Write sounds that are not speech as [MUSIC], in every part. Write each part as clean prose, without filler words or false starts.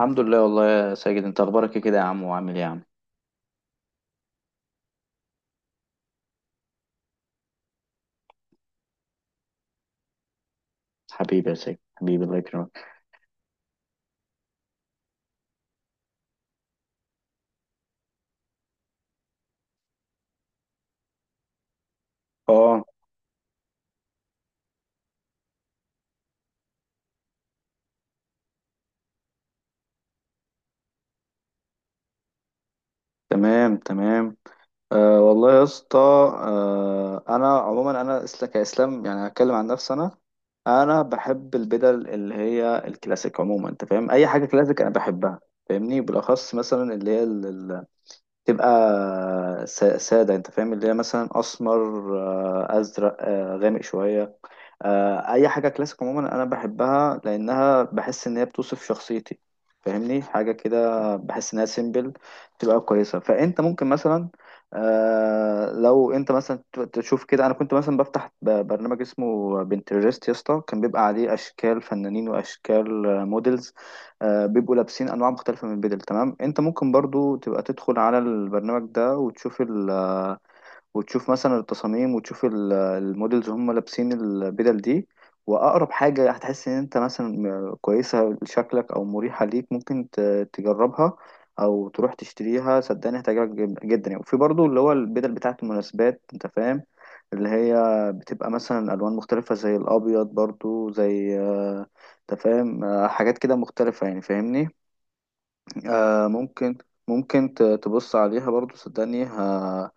الحمد لله والله يا ساجد، انت اخبارك ايه كده يا عم، وعامل ايه يا عم؟ حبيبي يا ساجد، حبيبي، الله يكرمك. اه، تمام تمام. والله يا اسطى، انا عموما، كاسلام يعني، هتكلم عن نفسي. انا بحب البدل اللي هي الكلاسيك عموما، انت فاهم، اي حاجه كلاسيك انا بحبها، فاهمني. بالاخص مثلا اللي هي تبقى سادة، انت فاهم، اللي هي مثلا اسمر، ازرق، غامق شوية، اي حاجة كلاسيك عموما انا بحبها، لانها بحس ان هي بتوصف شخصيتي، فاهمني. حاجة كده بحس انها سيمبل، تبقى كويسة. فانت ممكن مثلا، لو انت مثلا تشوف كده. انا كنت مثلا بفتح برنامج اسمه بنترست يا اسطى، كان بيبقى عليه اشكال فنانين واشكال موديلز، بيبقوا لابسين انواع مختلفه من البدل. تمام، انت ممكن برضو تبقى تدخل على البرنامج ده وتشوف وتشوف مثلا التصاميم، وتشوف المودلز هم لابسين البدل دي، واقرب حاجه هتحس ان انت مثلا كويسه لشكلك او مريحه ليك، ممكن تجربها او تروح تشتريها. صدقني هتعجبك جدا يعني. وفي برضو اللي هو البدل بتاعت المناسبات، انت فاهم، اللي هي بتبقى مثلا الوان مختلفه زي الابيض برضو، زي انت فاهم، حاجات كده مختلفه يعني، فاهمني. ممكن تبص عليها برضو. صدقني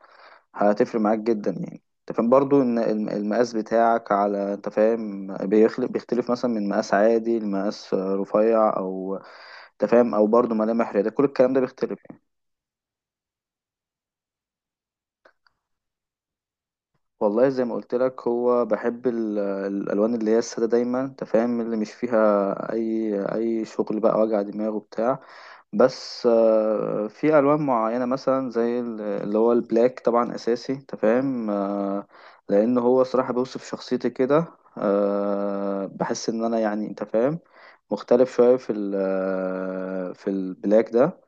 هتفرق معاك جدا يعني. انت فاهم برضو ان المقاس بتاعك على، انت فاهم، بيختلف مثلا من مقاس عادي لمقاس رفيع، او انت فاهم، او برضو ملامح رياضية. كل الكلام ده بيختلف يعني. والله زي ما قلت لك، هو بحب الالوان اللي هي الساده دايما، انت فاهم، اللي مش فيها اي شغل بقى، وجع دماغ وبتاع. بس في الوان معينه مثلا زي اللي هو البلاك، طبعا اساسي، انت فاهم، لان هو صراحه بيوصف شخصيتي كده. بحس ان انا يعني، انت فاهم، مختلف شويه في البلاك ده.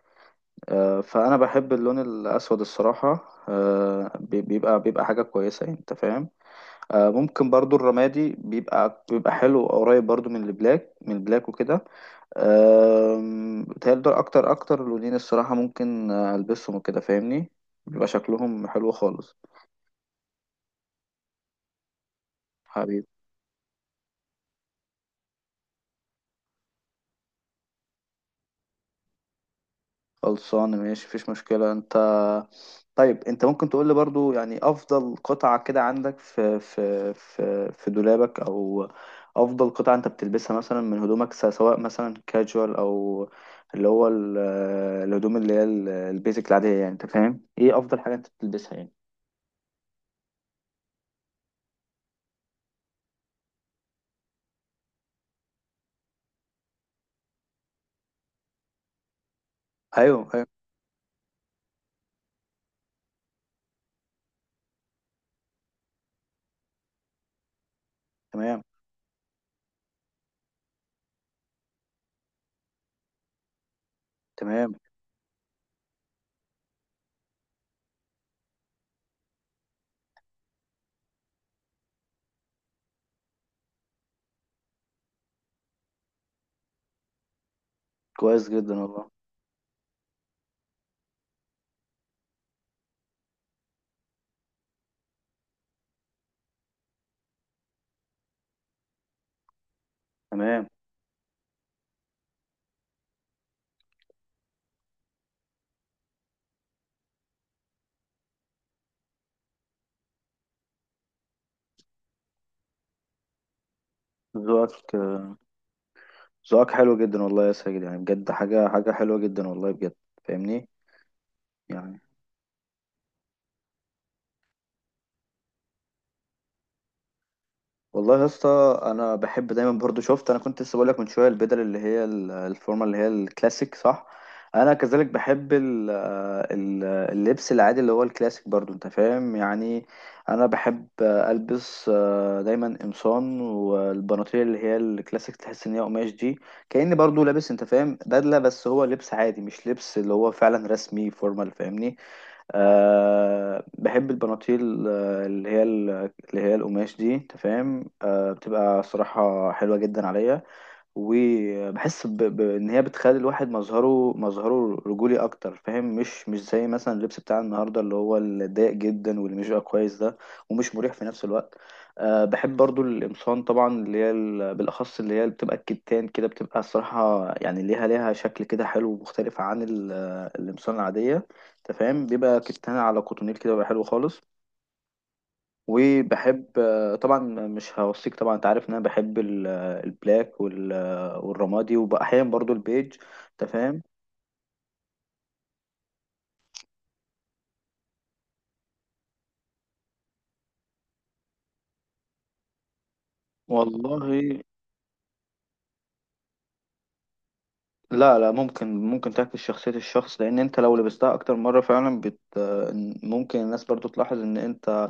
فانا بحب اللون الاسود الصراحه، بيبقى حاجه كويسه يعني، انت فاهم. ممكن برضو الرمادي بيبقى حلو، قريب برضو من البلاك، وكده. بيتهيألي دول اكتر لونين الصراحة، ممكن البسهم وكده، فاهمني. بيبقى شكلهم حلو خالص. حبيبي. خلصانة ماشي، مفيش مشكلة. انت طيب، انت ممكن تقول لي برضو يعني افضل قطعة كده عندك في دولابك، او افضل قطعة انت بتلبسها مثلا من هدومك، سواء مثلا كاجوال، او اللي هو الهدوم اللي هي البيزك العادية يعني. انت فاهم، ايه افضل حاجة انت بتلبسها يعني؟ ايوه ايوه، تمام تمام، كويس جدا والله. تمام. ذوقك ذوقك حلو جدا والله يا ساجد، يعني بجد، حاجة حلوة جدا والله، بجد، فاهمني يعني. والله يا اسطى انا بحب دايما برضو، شفت، انا كنت لسه بقول لك من شويه، البدل اللي هي الفورمه اللي هي الكلاسيك صح؟ انا كذلك بحب اللبس العادي اللي هو الكلاسيك برضو، انت فاهم يعني. انا بحب البس دايما قمصان والبناطيل اللي هي الكلاسيك، تحس ان هي قماش دي، كأني برضو لابس، انت فاهم، بدله، بس هو لبس عادي مش لبس اللي هو فعلا رسمي فورمال، فاهمني. أه بحب البناطيل اللي هي اللي هي القماش دي، انت فاهم. أه بتبقى صراحة حلوة جدا عليا، وبحس ان هي بتخلي الواحد مظهره رجولي اكتر، فاهم، مش زي مثلا اللبس بتاع النهارده اللي هو الضيق جدا، واللي مش بقى كويس ده، ومش مريح في نفس الوقت. أه بحب برضو القمصان طبعا اللي هي بالاخص اللي هي اللي بتبقى الكتان كده، بتبقى الصراحه يعني ليها شكل كده حلو ومختلف عن القمصان العاديه، انت فاهم. بيبقى كتان على كوتونيل كده، بيبقى حلو خالص. وبحب طبعا، مش هوصيك طبعا، انت عارف ان انا بحب البلاك والرمادي، واحيانا برضو البيج، انت فاهم. والله، لا لا، ممكن، ممكن تعكس شخصية الشخص، لان انت لو لبستها اكتر مرة فعلا بت آه، ممكن الناس برضو تلاحظ ان انت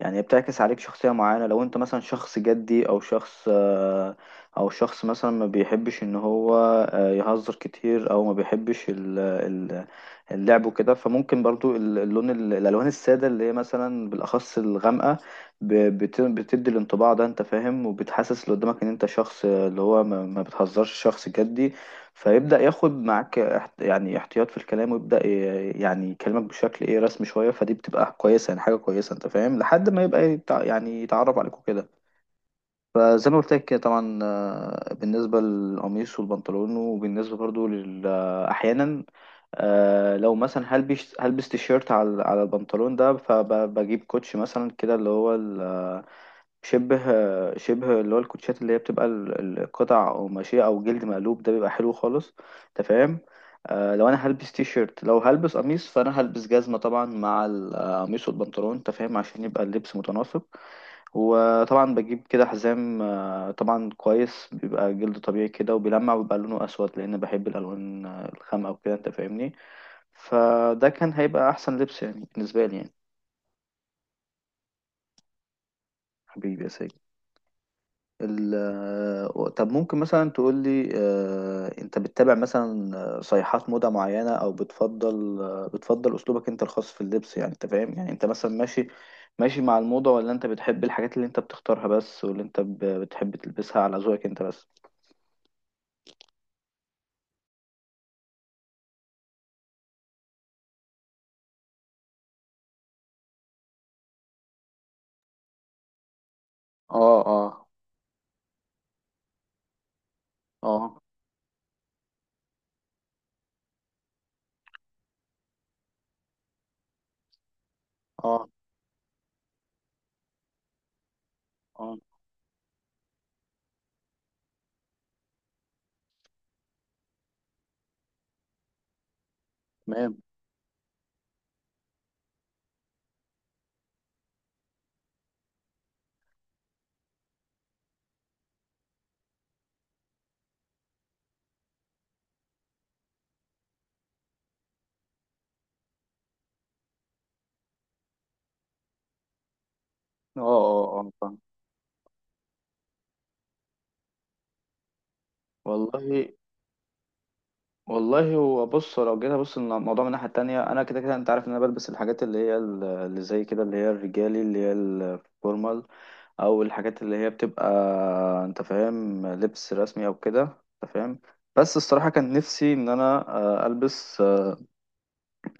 يعني بتعكس عليك شخصية معينة. لو انت مثلا شخص جدي، او شخص او شخص مثلا ما بيحبش ان هو يهزر كتير، او ما بيحبش اللعب وكده، فممكن برضو اللون الالوان السادة اللي هي مثلا بالاخص الغامقة بتدي الانطباع ده، انت فاهم، وبتحسس اللي قدامك ان انت شخص اللي هو ما بتهزرش، شخص جدي. فيبدأ ياخد معاك يعني احتياط في الكلام، ويبدأ يعني يكلمك بشكل ايه رسمي شوية. فدي بتبقى كويسة يعني، حاجة كويسة، انت فاهم، لحد ما يبقى يعني يتعرف عليك وكده. فزي ما قلت لك كده طبعا، بالنسبة للقميص والبنطلون، وبالنسبة برضو لل آه، أحيانا، لو مثلا هلبس تيشيرت على البنطلون ده، فبجيب كوتش مثلا كده اللي هو شبه شبه اللي هو الكوتشات اللي هي بتبقى القطع قماشية أو جلد مقلوب، ده بيبقى حلو خالص أنت فاهم. آه لو أنا هلبس تي شيرت، لو هلبس قميص، فأنا هلبس جزمة طبعا مع القميص والبنطلون، أنت فاهم، عشان يبقى اللبس متناسق. وطبعا بجيب كده حزام، آه طبعا كويس، بيبقى جلد طبيعي كده وبيلمع، وبيبقى لونه أسود، لأن بحب الألوان الخامقة وكده، أنت فاهمني. فده كان هيبقى أحسن لبس يعني بالنسبة لي يعني. حبيبي يا سيد. ال- طب ممكن مثلا تقول لي، انت بتتابع مثلا صيحات موضة معينة، او بتفضل بتفضل اسلوبك انت الخاص في اللبس يعني، انت فاهم يعني، انت مثلا ماشي مع الموضة، ولا انت بتحب الحاجات اللي انت بتختارها بس، واللي انت بتحب تلبسها على ذوقك انت بس؟ اه اه اه اه اه، تمام، اه اه اه، فاهم. والله، والله هو بص، لو جينا بص الموضوع من الناحية التانية، أنا كده كده أنت عارف إن أنا بلبس الحاجات اللي هي اللي زي كده اللي هي الرجالي اللي هي الفورمال، أو الحاجات اللي هي بتبقى، أنت فاهم، لبس رسمي أو كده، أنت فاهم. بس الصراحة كان نفسي إن أنا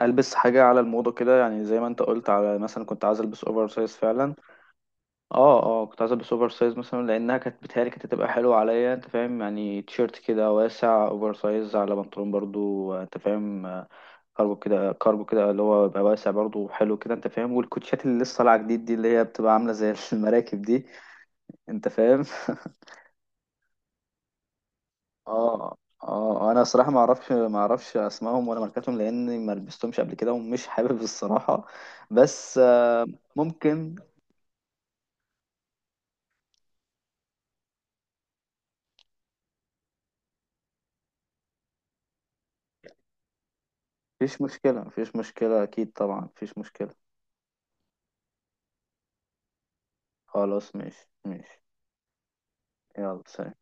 ألبس حاجة على الموضة كده يعني، زي ما أنت قلت، على مثلا كنت عايز ألبس أوفر سايز فعلا. اه اه كنت عايز ألبس أوفر سايز مثلا، لأنها كانت بتهيألي كانت هتبقى حلوة عليا، أنت فاهم، يعني تيشيرت كده واسع أوفر سايز، على بنطلون برضو أنت فاهم، كارجو كده، اللي هو بيبقى واسع برضه وحلو كده، انت فاهم، والكوتشات اللي لسه طالعه جديد دي اللي هي بتبقى عامله زي [LAUGHS] المراكب دي، انت فاهم. [LAUGHS] اه اه انا صراحه ما اعرفش اسمائهم ولا ماركاتهم، لاني ما لبستهمش قبل كده، ومش حابب الصراحه. بس ممكن. مفيش مشكله، اكيد طبعا، مفيش مشكله. خلاص ماشي ماشي. يلا سلام.